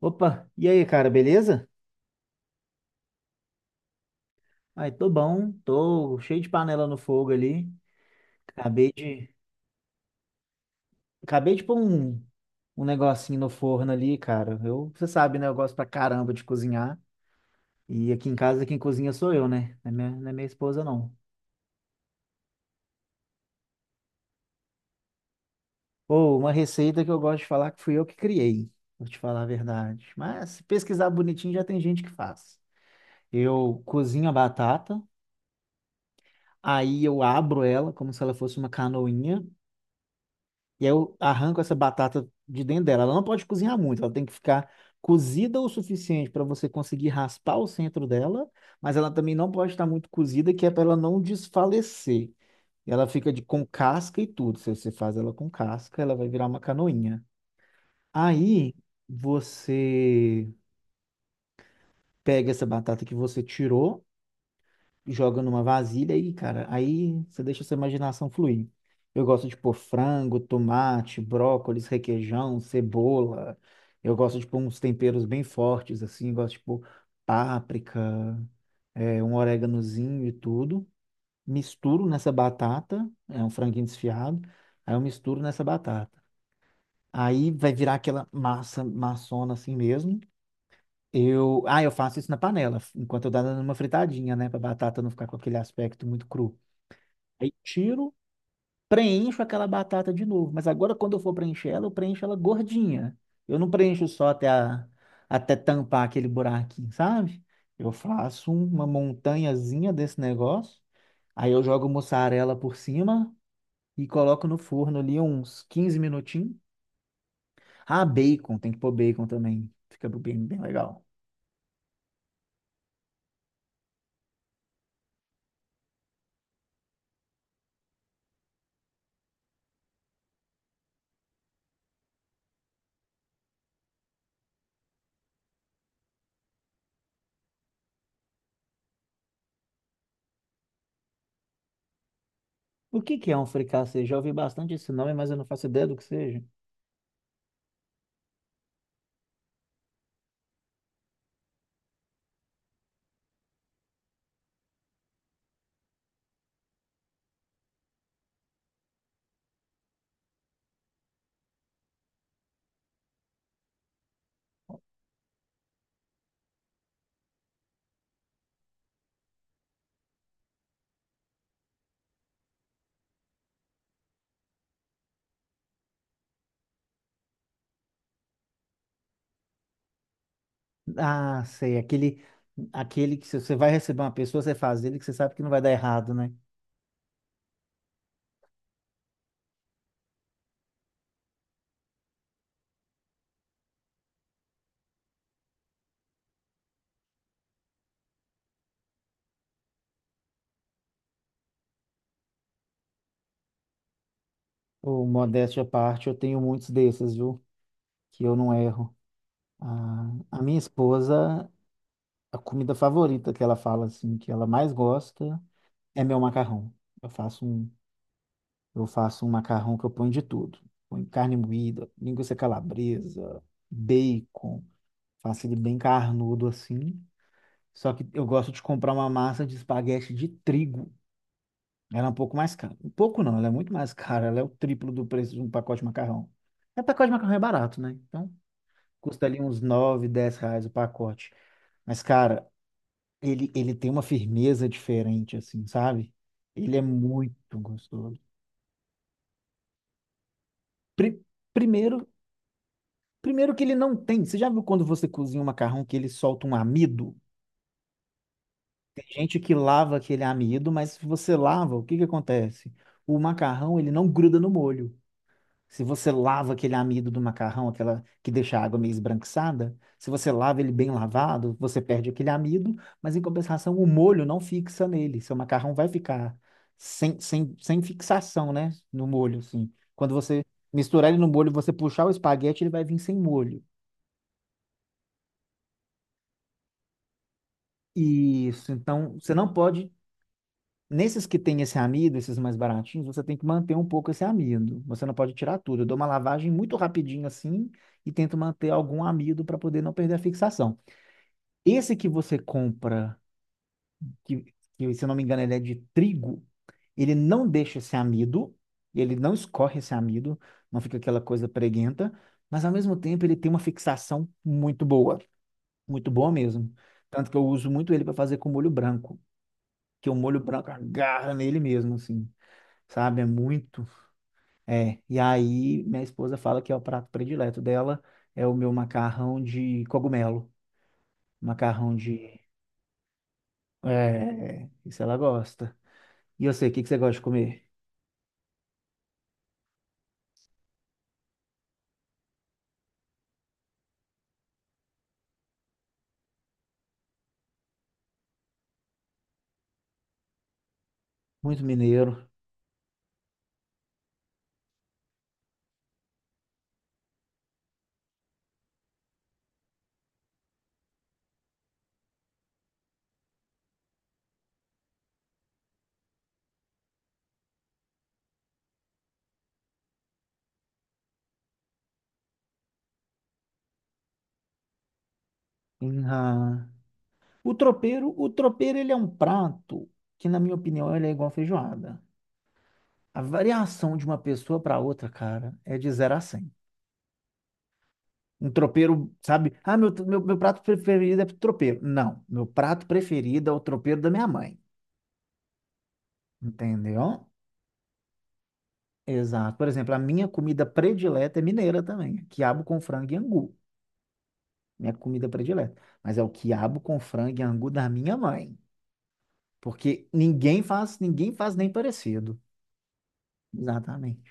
Opa, e aí, cara, beleza? Ai, tô bom, tô cheio de panela no fogo ali. Acabei de, acabei de pôr um negocinho no forno ali, cara. Eu, você sabe, né? Eu gosto pra caramba de cozinhar. E aqui em casa, quem cozinha sou eu, né? Não é minha esposa, não. Pô, uma receita que eu gosto de falar que fui eu que criei, vou te falar a verdade. Mas se pesquisar bonitinho, já tem gente que faz. Eu cozinho a batata, aí eu abro ela como se ela fosse uma canoinha. E aí eu arranco essa batata de dentro dela. Ela não pode cozinhar muito, ela tem que ficar cozida o suficiente para você conseguir raspar o centro dela, mas ela também não pode estar muito cozida, que é para ela não desfalecer. E ela fica de com casca e tudo. Se você faz ela com casca, ela vai virar uma canoinha. Aí você pega essa batata que você tirou, joga numa vasilha e, cara, aí você deixa a sua imaginação fluir. Eu gosto de pôr frango, tomate, brócolis, requeijão, cebola. Eu gosto de pôr uns temperos bem fortes, assim, gosto de pôr páprica, é, um oréganozinho e tudo. Misturo nessa batata, é um franguinho desfiado, aí eu misturo nessa batata. Aí vai virar aquela massa maçona assim mesmo. Eu faço isso na panela, enquanto eu dou numa fritadinha, né, pra batata não ficar com aquele aspecto muito cru. Aí tiro, preencho aquela batata de novo. Mas agora, quando eu for preencher ela, eu preencho ela gordinha. Eu não preencho só até tampar aquele buraquinho, sabe? Eu faço uma montanhazinha desse negócio. Aí eu jogo mussarela por cima e coloco no forno ali uns 15 minutinhos. Ah, bacon, tem que pôr bacon também. Fica bem, bem legal. O que que é um fricassê? Já ouvi bastante esse nome, mas eu não faço ideia do que seja. Ah, sei, aquele que se você vai receber uma pessoa, você faz ele que você sabe que não vai dar errado, né? Ou modéstia à parte, eu tenho muitos desses, viu? Que eu não erro. Ah, a minha esposa, a comida favorita que ela fala assim, que ela mais gosta, é meu macarrão. Eu faço um, eu faço um macarrão que eu ponho de tudo. Ponho carne moída, linguiça calabresa, bacon, faço ele bem carnudo assim. Só que eu gosto de comprar uma massa de espaguete de trigo. Ela é um pouco mais cara. Um pouco não, ela é muito mais cara. Ela é o triplo do preço de um pacote de macarrão. É, pacote de macarrão é barato, né? Então, custa ali uns 9 10 reais o pacote. Mas, cara, ele tem uma firmeza diferente, assim, sabe? Ele é muito gostoso. Pri- primeiro, primeiro que ele não tem. Você já viu quando você cozinha um macarrão que ele solta um amido? Tem gente que lava aquele amido, mas se você lava, o que que acontece? O macarrão, ele não gruda no molho. Se você lava aquele amido do macarrão, aquela que deixa a água meio esbranquiçada, se você lava ele bem lavado, você perde aquele amido, mas em compensação o molho não fixa nele. Seu macarrão vai ficar sem fixação, né? No molho, assim. Quando você misturar ele no molho, você puxar o espaguete, ele vai vir sem molho. Isso, então você não pode. Nesses que tem esse amido, esses mais baratinhos, você tem que manter um pouco esse amido. Você não pode tirar tudo. Eu dou uma lavagem muito rapidinho assim e tento manter algum amido para poder não perder a fixação. Esse que você compra, que, que se eu não me engano ele é de trigo, ele não deixa esse amido, ele não escorre esse amido, não fica aquela coisa preguenta, mas ao mesmo tempo ele tem uma fixação muito boa mesmo. Tanto que eu uso muito ele para fazer com molho branco, que o molho branco agarra nele mesmo, assim sabe? É muito. É. E aí, minha esposa fala que é o prato predileto dela, é o meu macarrão de cogumelo. Macarrão de. É, isso ela gosta. E eu sei, o que que você gosta de comer? Muito mineiro. Uhum. O tropeiro, ele é um prato que, na minha opinião, ele é igual feijoada. A variação de uma pessoa para outra, cara, é de 0 a 100. Um tropeiro, sabe? Ah, meu prato preferido é tropeiro. Não, meu prato preferido é o tropeiro da minha mãe. Entendeu? Exato. Por exemplo, a minha comida predileta é mineira também. Quiabo com frango e angu. Minha comida predileta. Mas é o quiabo com frango e angu da minha mãe. Porque ninguém faz nem parecido. Exatamente.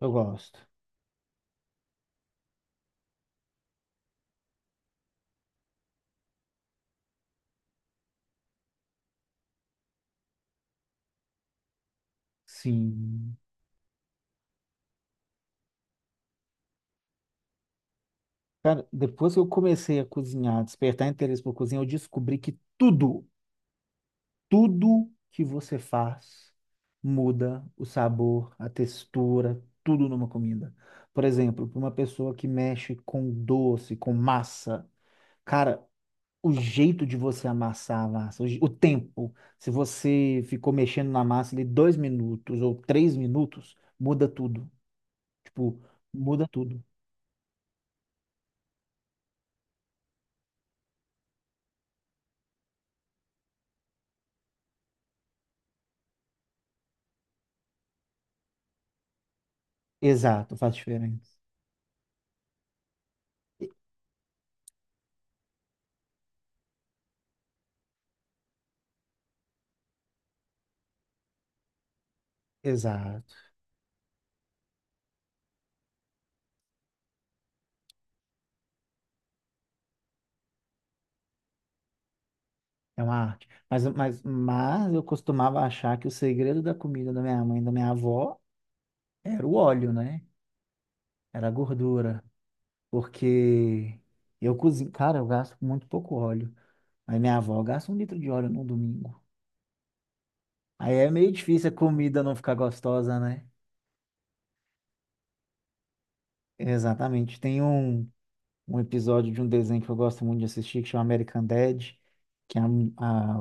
Eu gosto. Sim. Cara, depois que eu comecei a cozinhar, despertar interesse por cozinha, eu descobri que tudo. Tudo que você faz muda o sabor, a textura, tudo numa comida. Por exemplo, para uma pessoa que mexe com doce, com massa, cara, o jeito de você amassar a massa, o tempo, se você ficou mexendo na massa ali 2 minutos ou 3 minutos, muda tudo. Tipo, muda tudo. Exato, faz diferença. E- Exato, é uma arte. Mas eu costumava achar que o segredo da comida da minha mãe e da minha avó era o óleo, né? Era a gordura. Porque eu cozinho. Cara, eu gasto muito pouco óleo. Mas minha avó gasta 1 litro de óleo no domingo. Aí é meio difícil a comida não ficar gostosa, né? Exatamente. Tem um. Um episódio de um desenho que eu gosto muito de assistir, que chama American Dad, que a,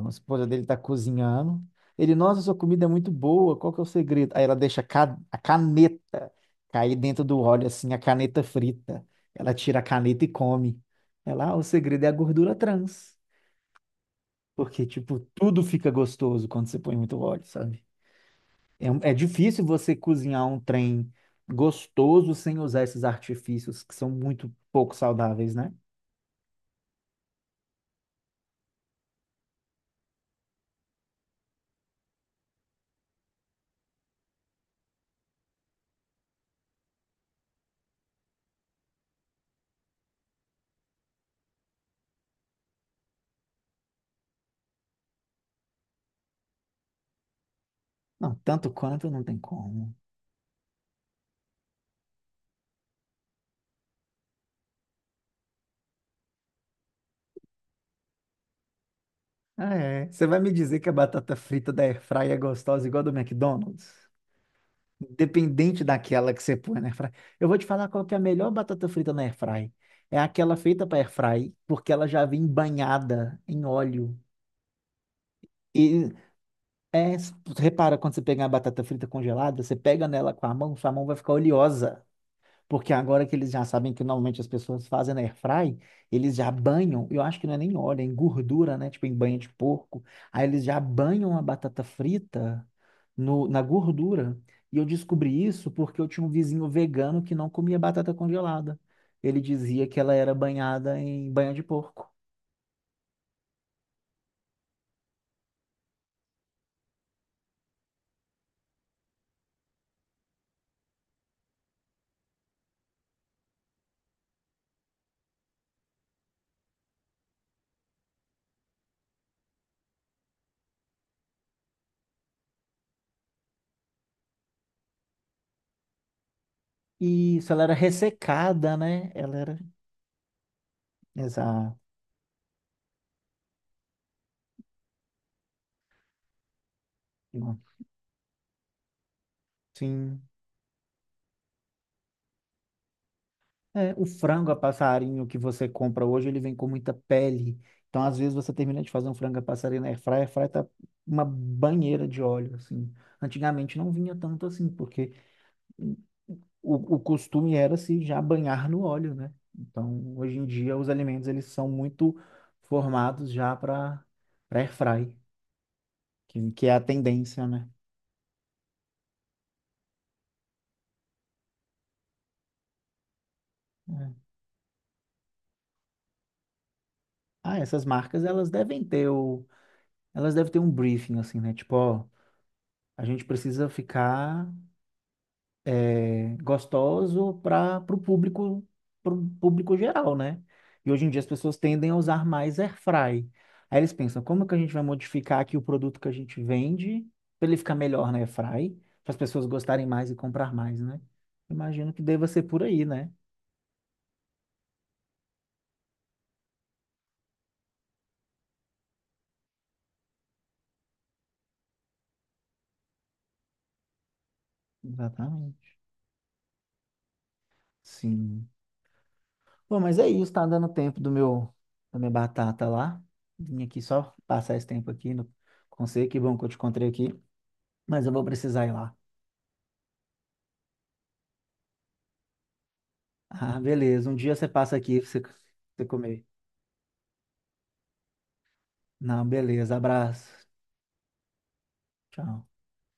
a esposa dele tá cozinhando. Ele, nossa, sua comida é muito boa, qual que é o segredo? Aí ela deixa a caneta cair dentro do óleo, assim, a caneta frita. Ela tira a caneta e come. O segredo é a gordura trans. Porque, tipo, tudo fica gostoso quando você põe muito óleo, sabe? É difícil você cozinhar um trem gostoso sem usar esses artifícios que são muito pouco saudáveis, né? Não, tanto quanto não tem como. Ah, é. Você vai me dizer que a batata frita da Airfry é gostosa igual a do McDonald's? Independente daquela que você põe na Airfry. Eu vou te falar qual que é a melhor batata frita na Airfry. É aquela feita para Airfry, porque ela já vem banhada em óleo. E é, Repara quando você pegar a batata frita congelada, você pega nela com a mão, sua mão vai ficar oleosa. Porque agora que eles já sabem que normalmente as pessoas fazem na airfry, eles já banham, eu acho que não é nem óleo, é em gordura, né? Tipo em banha de porco. Aí eles já banham a batata frita no, na gordura. E eu descobri isso porque eu tinha um vizinho vegano que não comia batata congelada. Ele dizia que ela era banhada em banha de porco. E isso, ela era ressecada, né? Ela era. Exato. Sim. É, o frango a passarinho que você compra hoje, ele vem com muita pele. Então, às vezes, você termina de fazer um frango a passarinho na airfryer, a airfryer tá uma banheira de óleo, assim. Antigamente não vinha tanto assim, porque o costume era se já banhar no óleo, né? Então, hoje em dia, os alimentos, eles são muito formados já para airfry, que é a tendência, né? É. Ah, essas marcas, elas devem ter o... Elas devem ter um briefing, assim, né? Tipo, ó, a gente precisa ficar... é, gostoso para o público, pro público geral, né? E hoje em dia as pessoas tendem a usar mais air fry. Aí eles pensam, como que a gente vai modificar aqui o produto que a gente vende para ele ficar melhor na air fry, para as pessoas gostarem mais e comprar mais, né? Imagino que deva ser por aí, né? Exatamente. Sim. Bom, mas é isso, tá dando tempo do meu da minha batata lá. Vim aqui só passar esse tempo aqui no conselho, que bom que eu te encontrei aqui, mas eu vou precisar ir lá. Ah, beleza. Um dia você passa aqui pra você, você comer. Não, beleza. Abraço. Tchau.